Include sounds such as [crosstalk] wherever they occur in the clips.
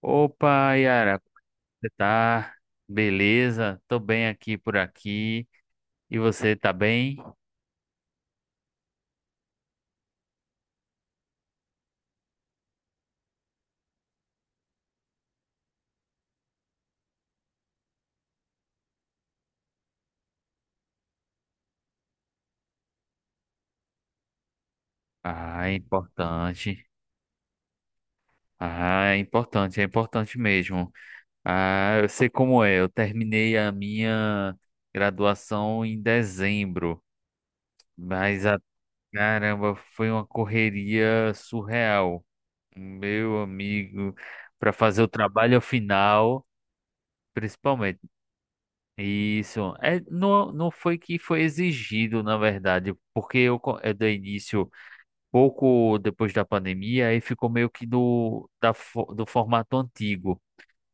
Opa, Yara, como você tá? Beleza? Tô bem aqui por aqui. E você tá bem? Ah, é importante. Ah, é importante mesmo. Ah, eu sei como é. Eu terminei a minha graduação em dezembro, mas a caramba, foi uma correria surreal. Meu amigo, para fazer o trabalho final, principalmente. Isso. É, não, não foi que foi exigido, na verdade, porque eu, eu dei início pouco depois da pandemia e ficou meio que do formato antigo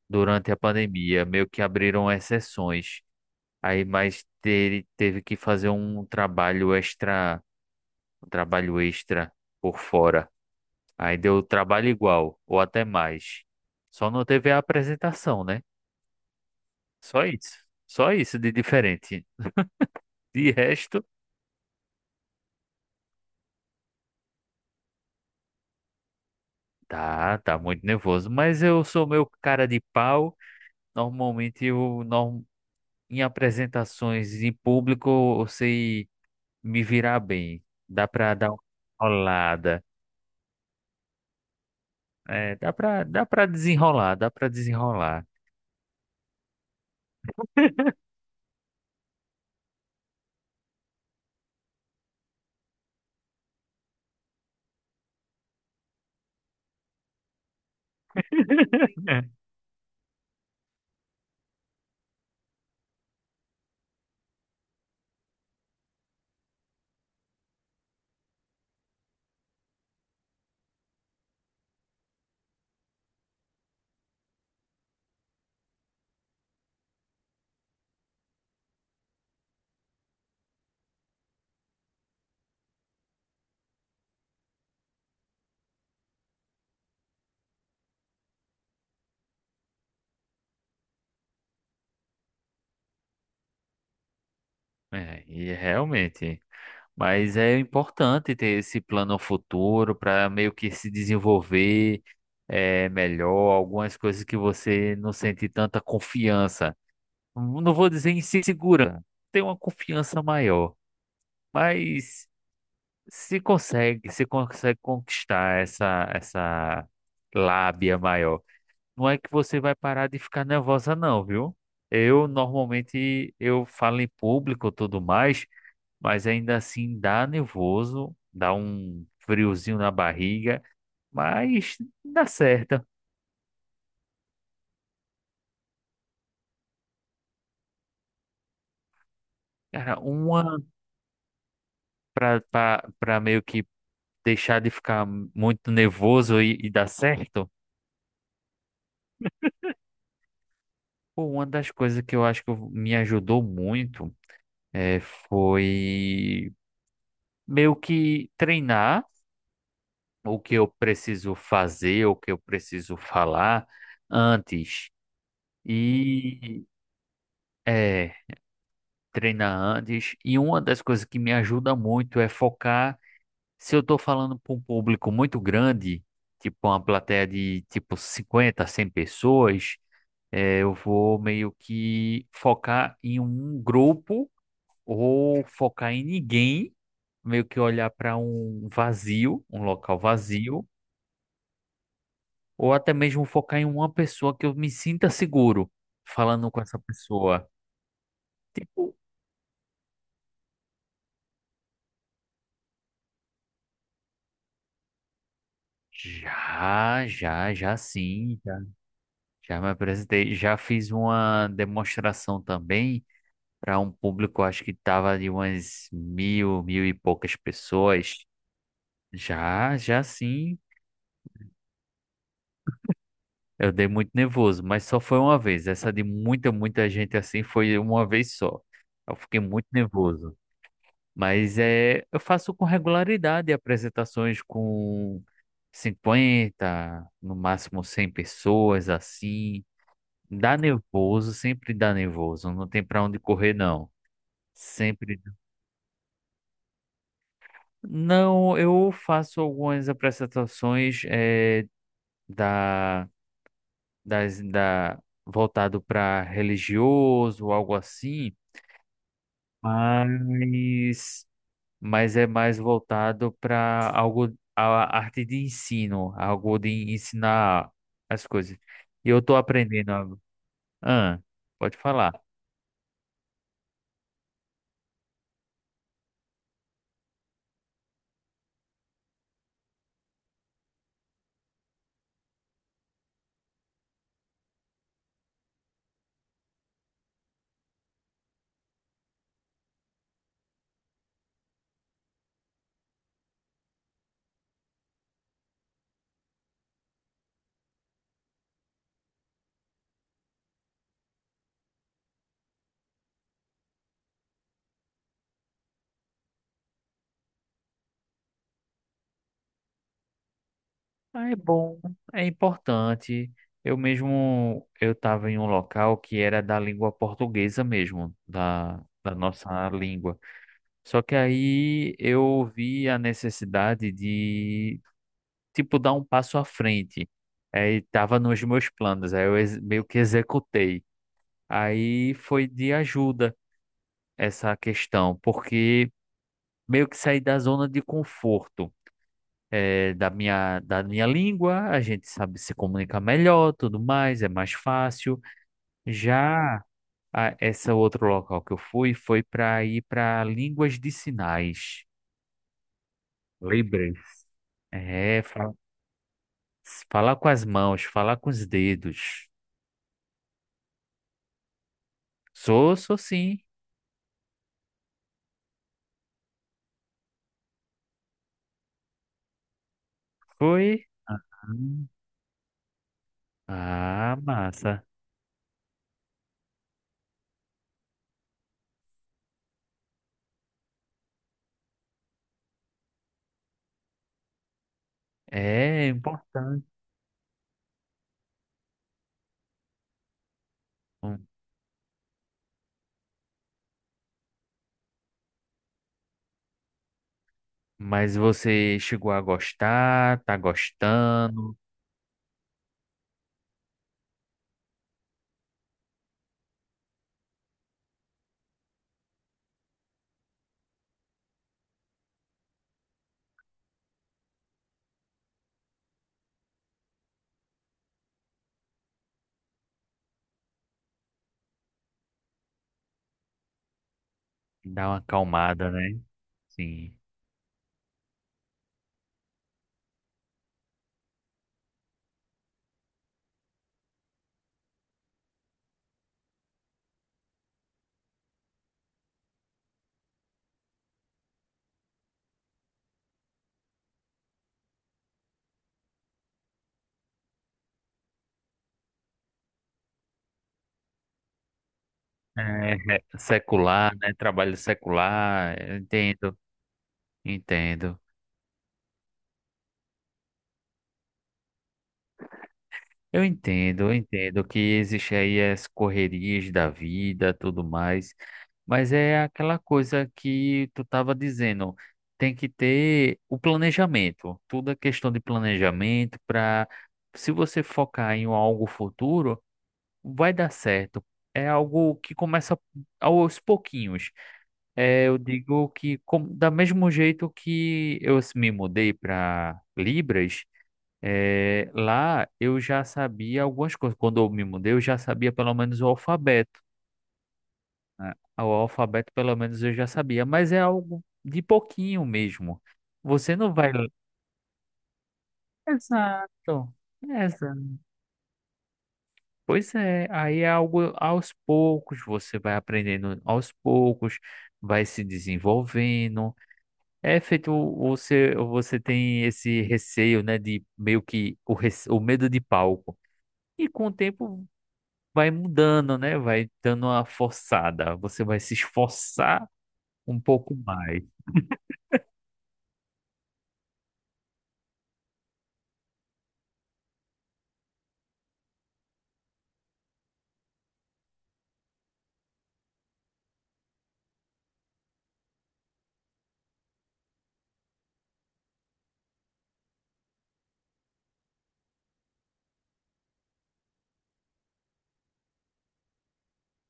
durante a pandemia, meio que abriram exceções. Aí, mas teve que fazer um trabalho extra, um trabalho extra por fora. Aí deu trabalho igual, ou até mais. Só não teve a apresentação, né? Só isso. Só isso de diferente. De resto. Tá, tá muito nervoso, mas eu sou meu cara de pau. Normalmente eu não, em apresentações em público eu sei me virar bem. Dá pra dar uma enrolada. É, dá pra desenrolar, dá pra desenrolar. [laughs] É, e realmente. Mas é importante ter esse plano futuro para meio que se desenvolver, melhor, algumas coisas que você não sente tanta confiança. Não vou dizer em si segura, tem uma confiança maior, mas se consegue conquistar essa lábia maior, não é que você vai parar de ficar nervosa não, viu? Eu normalmente eu falo em público e tudo mais, mas ainda assim dá nervoso, dá um friozinho na barriga, mas dá certo. Cara, uma para para meio que deixar de ficar muito nervoso e dar certo, pô, uma das coisas que eu acho que me ajudou muito foi meio que treinar o que eu preciso fazer, o que eu preciso falar antes. E é, treinar antes. E uma das coisas que me ajuda muito é focar. Se eu estou falando para um público muito grande, tipo uma plateia de tipo 50, 100 pessoas. É, eu vou meio que focar em um grupo ou focar em ninguém, meio que olhar para um vazio, um local vazio, ou até mesmo focar em uma pessoa que eu me sinta seguro falando com essa pessoa. Tipo, já, já me apresentei, já fiz uma demonstração também para um público, acho que tava de umas mil, mil e poucas pessoas. Já, já sim. Eu dei muito nervoso, mas só foi uma vez. Essa de muita, muita gente assim foi uma vez só. Eu fiquei muito nervoso. Mas é, eu faço com regularidade apresentações com 50, no máximo 100 pessoas assim. Dá nervoso, sempre dá nervoso. Não tem pra onde correr, não. Sempre dá. Não, eu faço algumas apresentações, da, das, da, voltado para religioso, algo assim. Mas, mas é mais voltado para algo, a arte de ensino, algo de ensinar as coisas. E eu estou aprendendo. Ah, pode falar. Ah, é bom, é importante. Eu mesmo, eu estava em um local que era da língua portuguesa mesmo, da nossa língua. Só que aí eu vi a necessidade, tipo, dar um passo à frente. Aí tava nos meus planos, aí eu meio que executei. Aí foi de ajuda essa questão, porque meio que saí da zona de conforto. Eh, da minha língua, a gente sabe se comunicar melhor, tudo mais, é mais fácil. Já esse outro local que eu fui foi para ir para línguas de sinais. Lembrei. É, falar com as mãos, falar com os dedos. Sou, sou sim. Foi? Ah, massa. É importante. Hum. Mas você chegou a gostar, tá gostando, dá uma acalmada, né? Sim. É, é, secular, né? Trabalho secular, eu entendo, entendo. Eu entendo, eu entendo que existe aí as correrias da vida, tudo mais, mas é aquela coisa que tu estava dizendo, tem que ter o planejamento, tudo é questão de planejamento para, se você focar em algo futuro, vai dar certo. É algo que começa aos pouquinhos. É, eu digo que com, da mesmo jeito que eu me mudei para Libras, é, lá eu já sabia algumas coisas. Quando eu me mudei, eu já sabia pelo menos o alfabeto. Né? O alfabeto, pelo menos, eu já sabia, mas é algo de pouquinho mesmo. Você não vai. Exato. Exato. Pois é, aí é algo aos poucos, você vai aprendendo aos poucos, vai se desenvolvendo. É feito, você tem esse receio, né, de meio que o medo de palco. E com o tempo vai mudando, né? Vai dando uma forçada. Você vai se esforçar um pouco mais.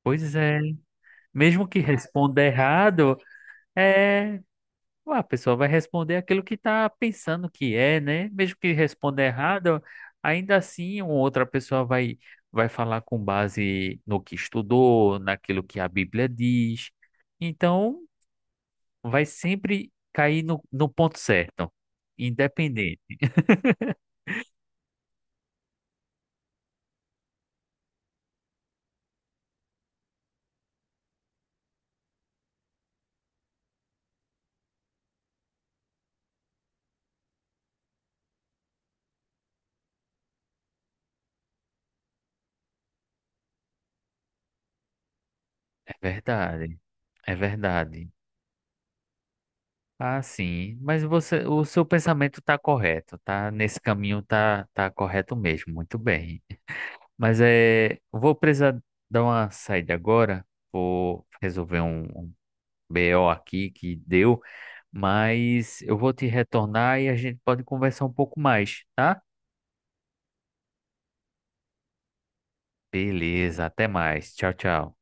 Pois é. Mesmo que responda errado, é. A pessoa vai responder aquilo que está pensando que é, né? Mesmo que responda errado, ainda assim, uma outra pessoa vai, vai falar com base no que estudou, naquilo que a Bíblia diz. Então, vai sempre cair no ponto certo, independente. É verdade, é verdade. Ah, sim. Mas você, o seu pensamento está correto, tá? Nesse caminho tá, tá correto mesmo, muito bem. Mas é, vou precisar dar uma saída agora, vou resolver um BO aqui que deu, mas eu vou te retornar e a gente pode conversar um pouco mais, tá? Beleza, até mais. Tchau, tchau.